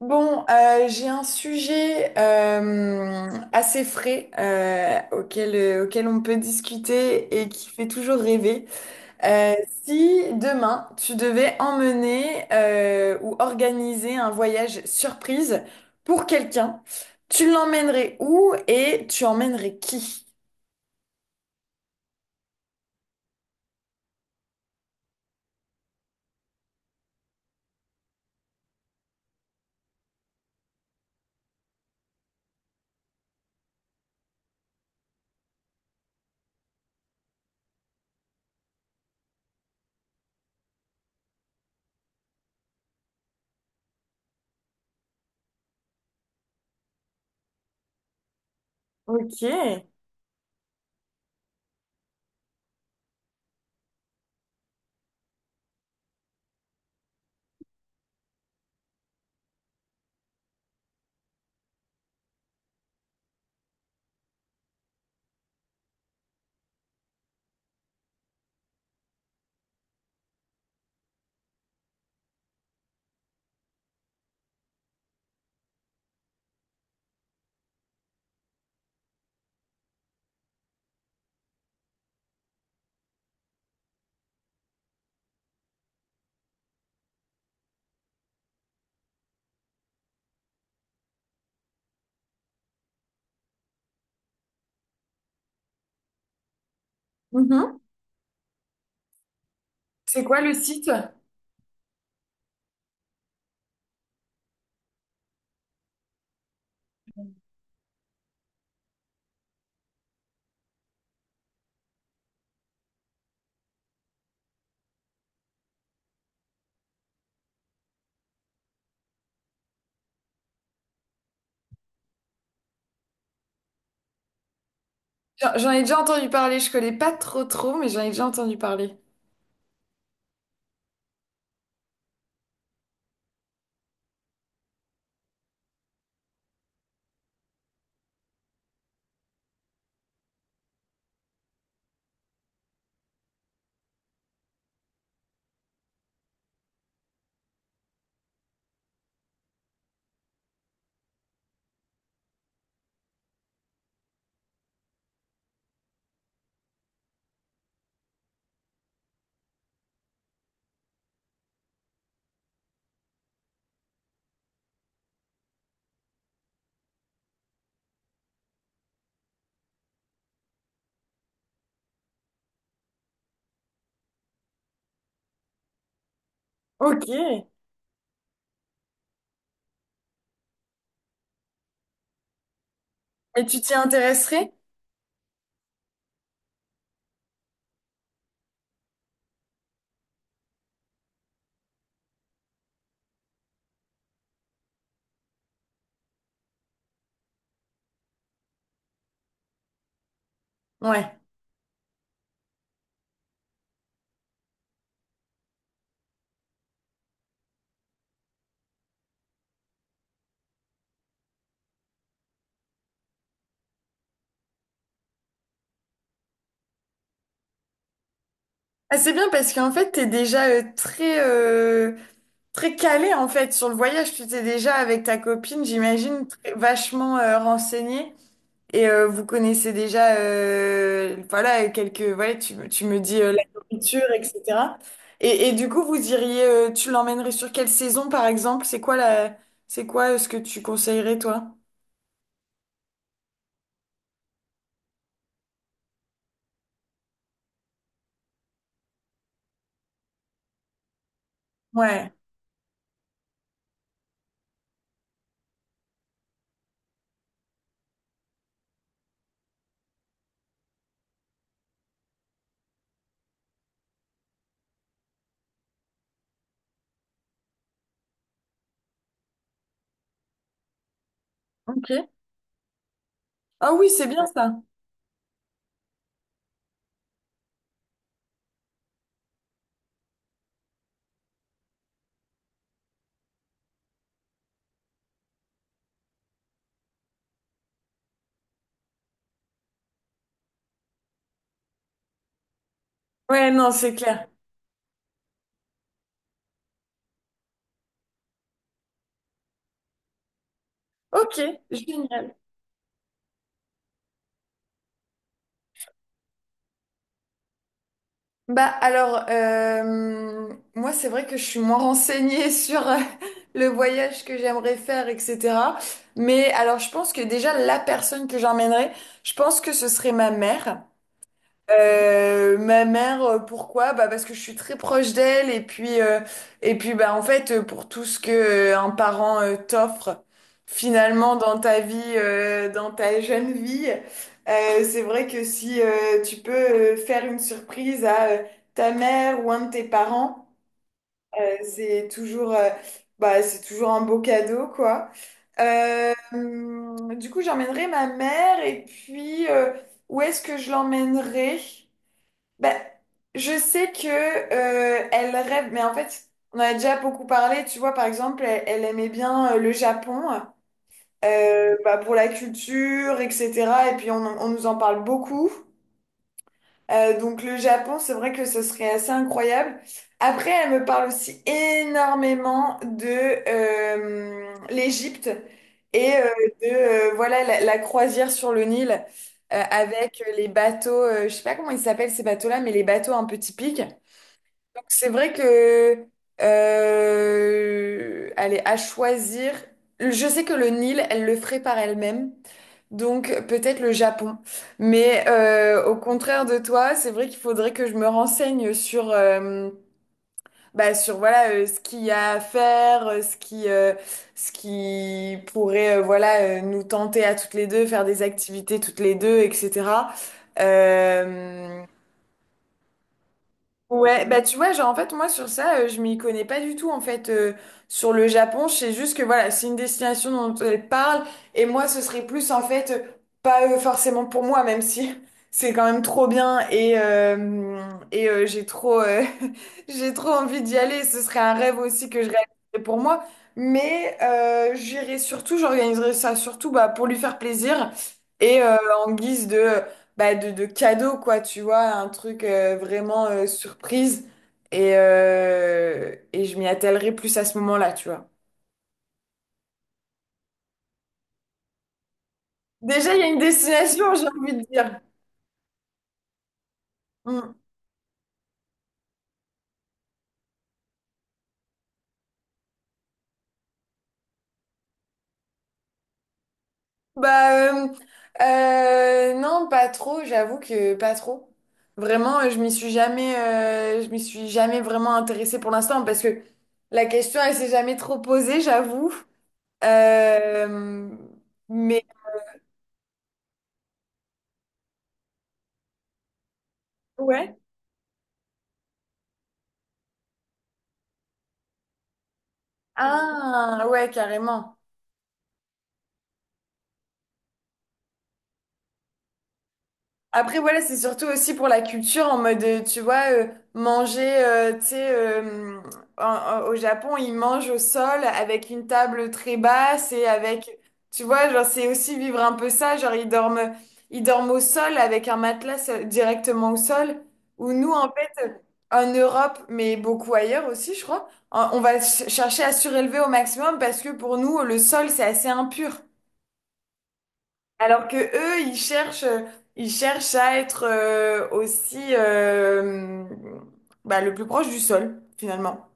J'ai un sujet assez frais auquel on peut discuter et qui fait toujours rêver. Euh, si demain tu devais emmener ou organiser un voyage surprise pour quelqu'un, tu l'emmènerais où et tu emmènerais qui? Ok. Mhm. C'est quoi le site? J'en ai déjà entendu parler, je connais pas trop, mais j'en ai déjà entendu parler. Ok. Et tu t'y intéresserais? Ouais. Ah, c'est bien parce qu'en fait, t'es déjà très, très calé en fait sur le voyage. Tu t'es déjà avec ta copine, j'imagine, vachement renseignée. Et vous connaissez déjà, voilà, quelques, voilà, tu me dis la nourriture, etc. Et du coup, vous diriez, tu l'emmènerais sur quelle saison, par exemple? C'est quoi ce que tu conseillerais, toi? Ouais, ok. Ah oui, c'est bien ça. Ouais, non, c'est clair. Ok, génial. Bah alors, moi c'est vrai que je suis moins renseignée sur le voyage que j'aimerais faire, etc. Mais alors je pense que déjà la personne que j'emmènerais, je pense que ce serait ma mère. Ma mère, pourquoi? Bah parce que je suis très proche d'elle et puis et puis en fait pour tout ce que un parent t'offre finalement dans ta vie, dans ta jeune vie, c'est vrai que si tu peux faire une surprise à ta mère ou un de tes parents, c'est toujours c'est toujours un beau cadeau quoi. Du coup j'emmènerai ma mère et puis où est-ce que je l'emmènerai? Ben, je sais que elle rêve, mais en fait, on en a déjà beaucoup parlé. Tu vois, par exemple, elle, elle aimait bien le Japon pour la culture, etc. Et puis, on nous en parle beaucoup. Donc, le Japon, c'est vrai que ce serait assez incroyable. Après, elle me parle aussi énormément de l'Égypte et de voilà la croisière sur le Nil avec les bateaux. Je sais pas comment ils s'appellent ces bateaux-là, mais les bateaux un peu typiques. Donc, c'est vrai que, allez, à choisir, je sais que le Nil, elle le ferait par elle-même, donc peut-être le Japon. Mais au contraire de toi, c'est vrai qu'il faudrait que je me renseigne sur, bah, sur voilà, ce qu'il y a à faire, ce qui pourrait nous tenter à toutes les deux, faire des activités toutes les deux, etc. Euh, Ouais, tu vois, genre en fait moi sur ça, je m'y connais pas du tout en fait sur le Japon, je sais juste que voilà, c'est une destination dont elle parle et moi ce serait plus en fait pas forcément pour moi même si c'est quand même trop bien et j'ai trop j'ai trop envie d'y aller, ce serait un rêve aussi que je réaliserais pour moi, mais j'irai surtout, j'organiserai ça surtout bah pour lui faire plaisir et en guise de bah, de cadeau, quoi, tu vois, un truc vraiment surprise. Et je m'y attellerai plus à ce moment-là, tu vois. Déjà, il y a une destination, j'ai envie de dire. Mm. Bah, euh, non, pas trop, j'avoue que pas trop. Vraiment, je m'y suis jamais vraiment intéressée pour l'instant parce que la question, elle s'est jamais trop posée, j'avoue. Euh, mais ouais. Ah, ouais, carrément. Après, voilà, c'est surtout aussi pour la culture, en mode, tu vois, manger, tu sais, au Japon, ils mangent au sol avec une table très basse et avec, tu vois, genre, c'est aussi vivre un peu ça, genre, ils dorment au sol avec un matelas directement au sol, où nous, en fait, en Europe, mais beaucoup ailleurs aussi, je crois, on va chercher à surélever au maximum parce que pour nous, le sol, c'est assez impur. Alors que eux, ils cherchent à être le plus proche du sol, finalement.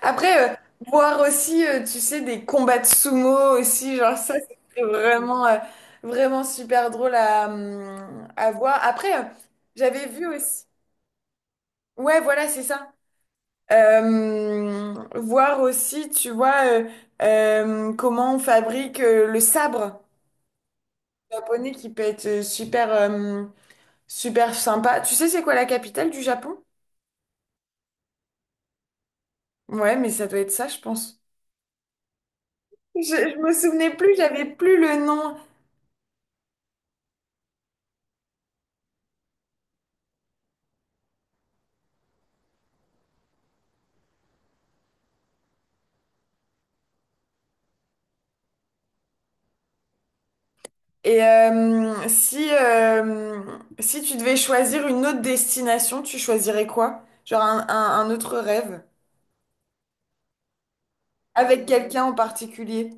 Après, voir aussi, tu sais, des combats de sumo aussi, genre ça, c'est vraiment, vraiment super drôle à voir. Après, j'avais vu aussi. Ouais, voilà, c'est ça. Voir aussi, tu vois, comment on fabrique le sabre japonais qui peut être Super sympa. Tu sais, c'est quoi la capitale du Japon? Ouais, mais ça doit être ça, je pense. Je me souvenais plus, j'avais plus le nom. Et si, si tu devais choisir une autre destination, tu choisirais quoi? Genre un autre rêve? Avec quelqu'un en particulier?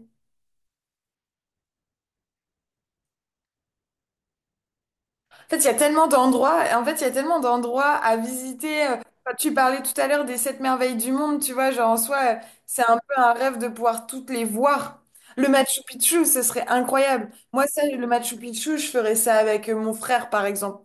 En fait, il y a tellement d'endroits, en fait, il y a tellement d'endroits à visiter. Tu parlais tout à l'heure des sept merveilles du monde, tu vois, genre en soi, c'est un peu un rêve de pouvoir toutes les voir. Le Machu Picchu, ce serait incroyable. Moi, ça, le Machu Picchu, je ferais ça avec mon frère, par exemple.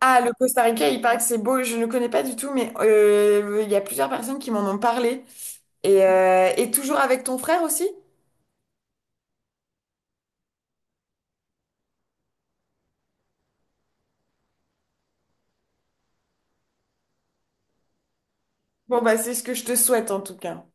Ah, le Costa Rica, il paraît que c'est beau, je ne connais pas du tout, mais il y a plusieurs personnes qui m'en ont parlé. Et toujours avec ton frère aussi? Bon, bah, c'est ce que je te souhaite en tout cas.